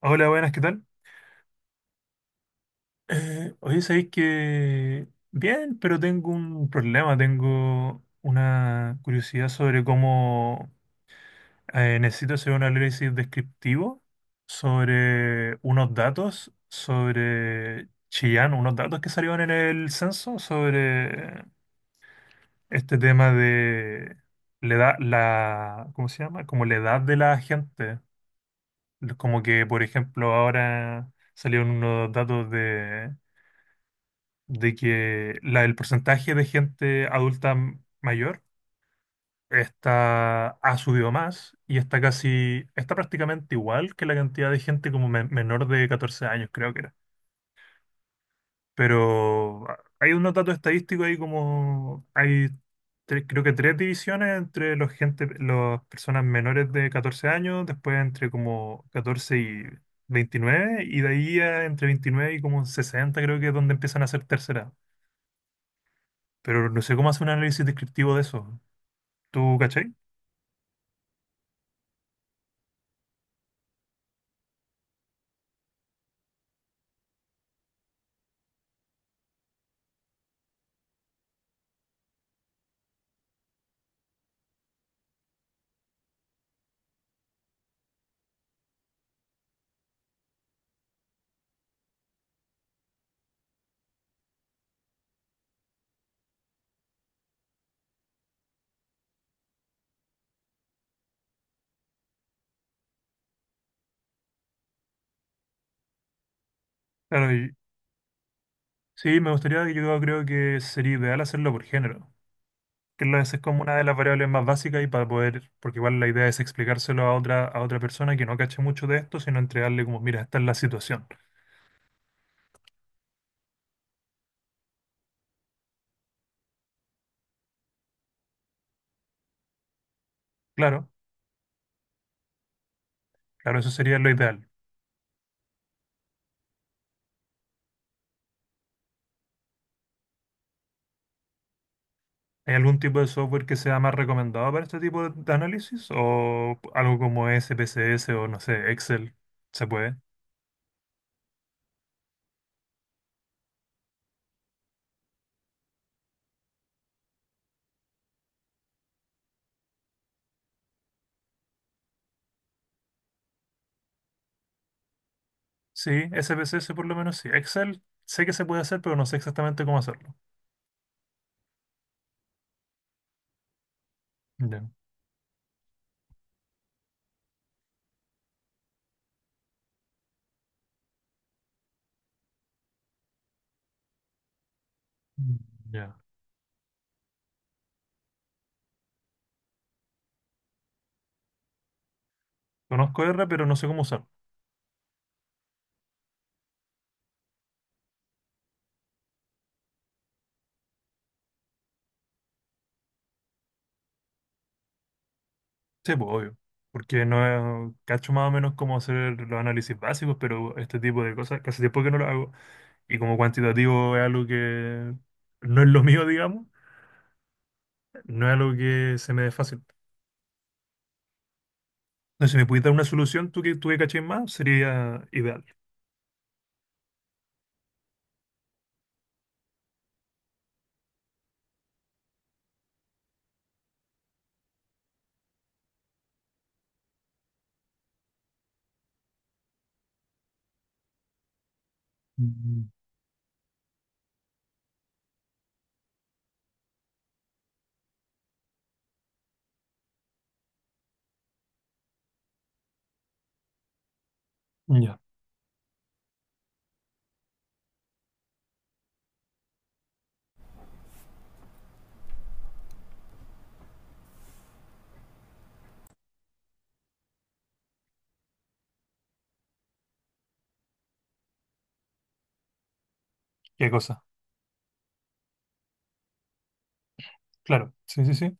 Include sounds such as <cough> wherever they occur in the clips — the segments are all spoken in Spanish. Hola, buenas, ¿qué tal? Oye, sabéis que bien, pero tengo un problema, tengo una curiosidad sobre cómo necesito hacer un análisis descriptivo sobre unos datos, sobre Chillán, unos datos que salieron en el censo sobre este tema de la edad, ¿cómo se llama? Como la edad de la gente. Como que, por ejemplo, ahora salieron unos datos de que el porcentaje de gente adulta mayor está, ha subido más y está prácticamente igual que la cantidad de gente como menor de 14 años, creo que era. Pero hay unos datos estadísticos ahí como, creo que tres divisiones entre los gente, las personas menores de 14 años, después entre como 14 y 29 y de ahí a entre 29 y como 60 creo que es donde empiezan a ser terceras pero no sé cómo hacer un análisis descriptivo de eso. ¿Tú cachai? Claro, sí, me gustaría, yo creo que sería ideal hacerlo por género, esa es como una de las variables más básicas y para poder, porque igual la idea es explicárselo a otra persona que no cache mucho de esto, sino entregarle como, mira, esta es la situación. Claro, claro, eso sería lo ideal. ¿Hay algún tipo de software que sea más recomendado para este tipo de análisis? ¿O algo como SPSS o no sé, Excel? ¿Se puede? Sí, SPSS por lo menos sí. Excel sé que se puede hacer, pero no sé exactamente cómo hacerlo. Ya, mm, ya. Conozco R, pero no sé cómo usar. Sí, pues obvio. Porque no cacho más o menos cómo hacer los análisis básicos, pero este tipo de cosas casi tiempo que no lo hago. Y como cuantitativo es algo que no es lo mío, digamos, no es algo que se me dé fácil. Entonces, si me pudieras dar una solución, tú que cachis más, sería ideal. Mm, ya, qué cosa. Claro, sí, sí, sí.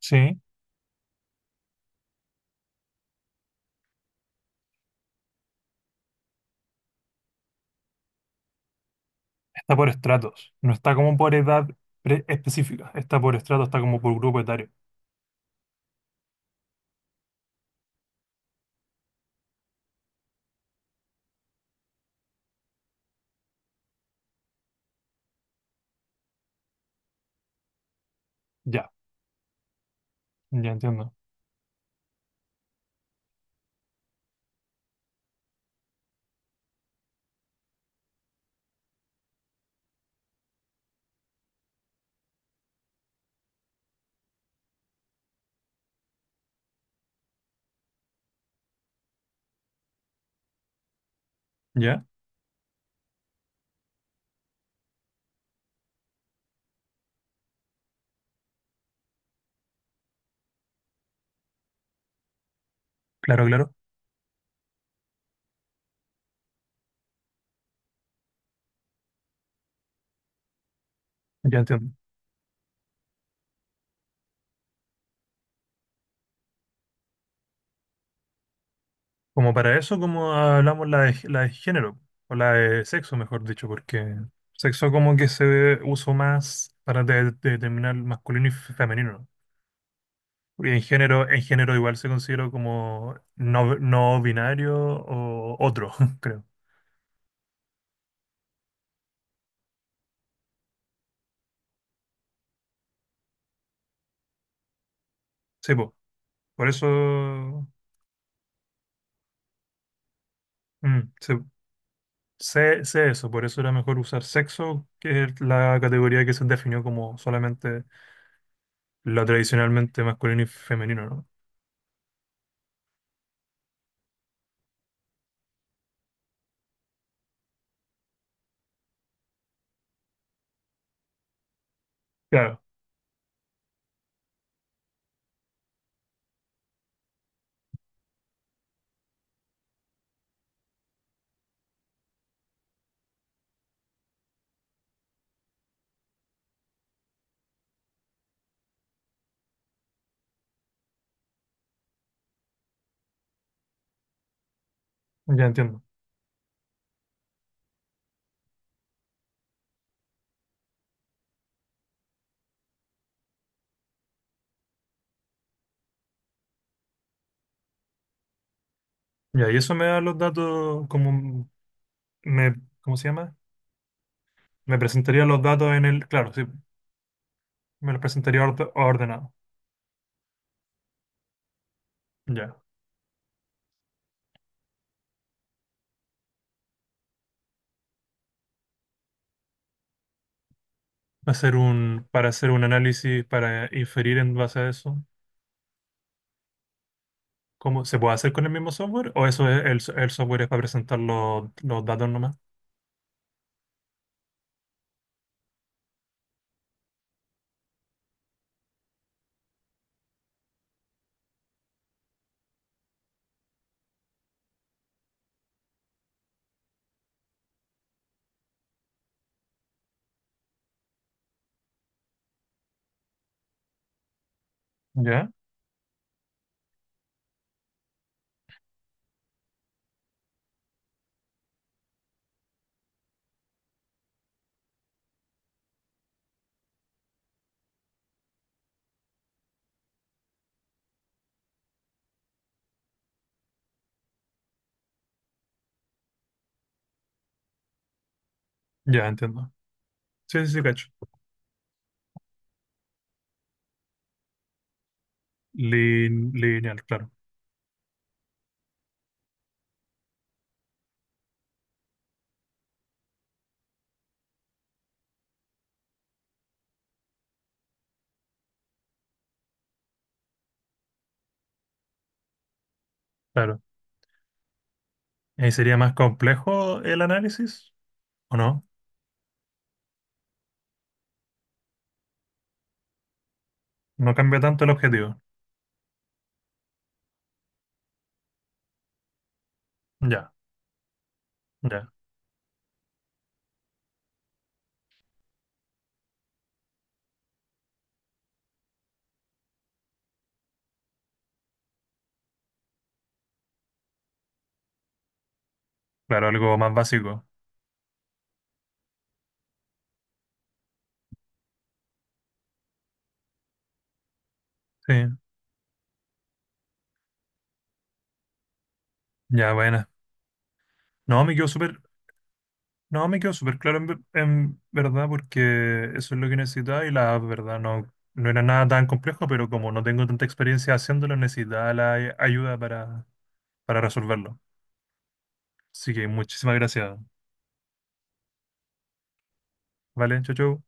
Sí, está por estratos. No está como por edad específica. Está por estratos, está como por grupo etario. Ya, ya entiendo. Ya, claro, claro, ya entiendo. Como para eso, como hablamos la de género, o la de sexo, mejor dicho, porque sexo como que uso más para determinar masculino y femenino, ¿no? Porque en género igual se considera como no, no binario o otro, <laughs> creo. Sí, po. Por eso mm, sé, sé eso, por eso era mejor usar sexo, que es la categoría que se definió como solamente lo tradicionalmente masculino y femenino, ¿no? Claro. Ya entiendo. Ya, y eso me da los datos, me, ¿cómo se llama? Me presentaría los datos claro, sí, me los presentaría ordenado. Ya. Para hacer un análisis, para inferir en base a eso, ¿cómo se puede hacer con el mismo software? ¿O eso es, el software es para presentar los datos nomás? Ya. Ya, entiendo. Sí, sí, sí, cacho. Lineal, claro. Claro. ¿Y sería más complejo el análisis? ¿O no? No cambia tanto el objetivo. Ya, ya. Claro, algo más básico. Sí, ya, buena. No, me quedó súper, no, me quedó súper claro en verdad porque eso es lo que necesitaba y la app, verdad, no, no era nada tan complejo, pero como no tengo tanta experiencia haciéndolo, necesitaba la ayuda para resolverlo. Así que muchísimas gracias. Vale, chau, chau.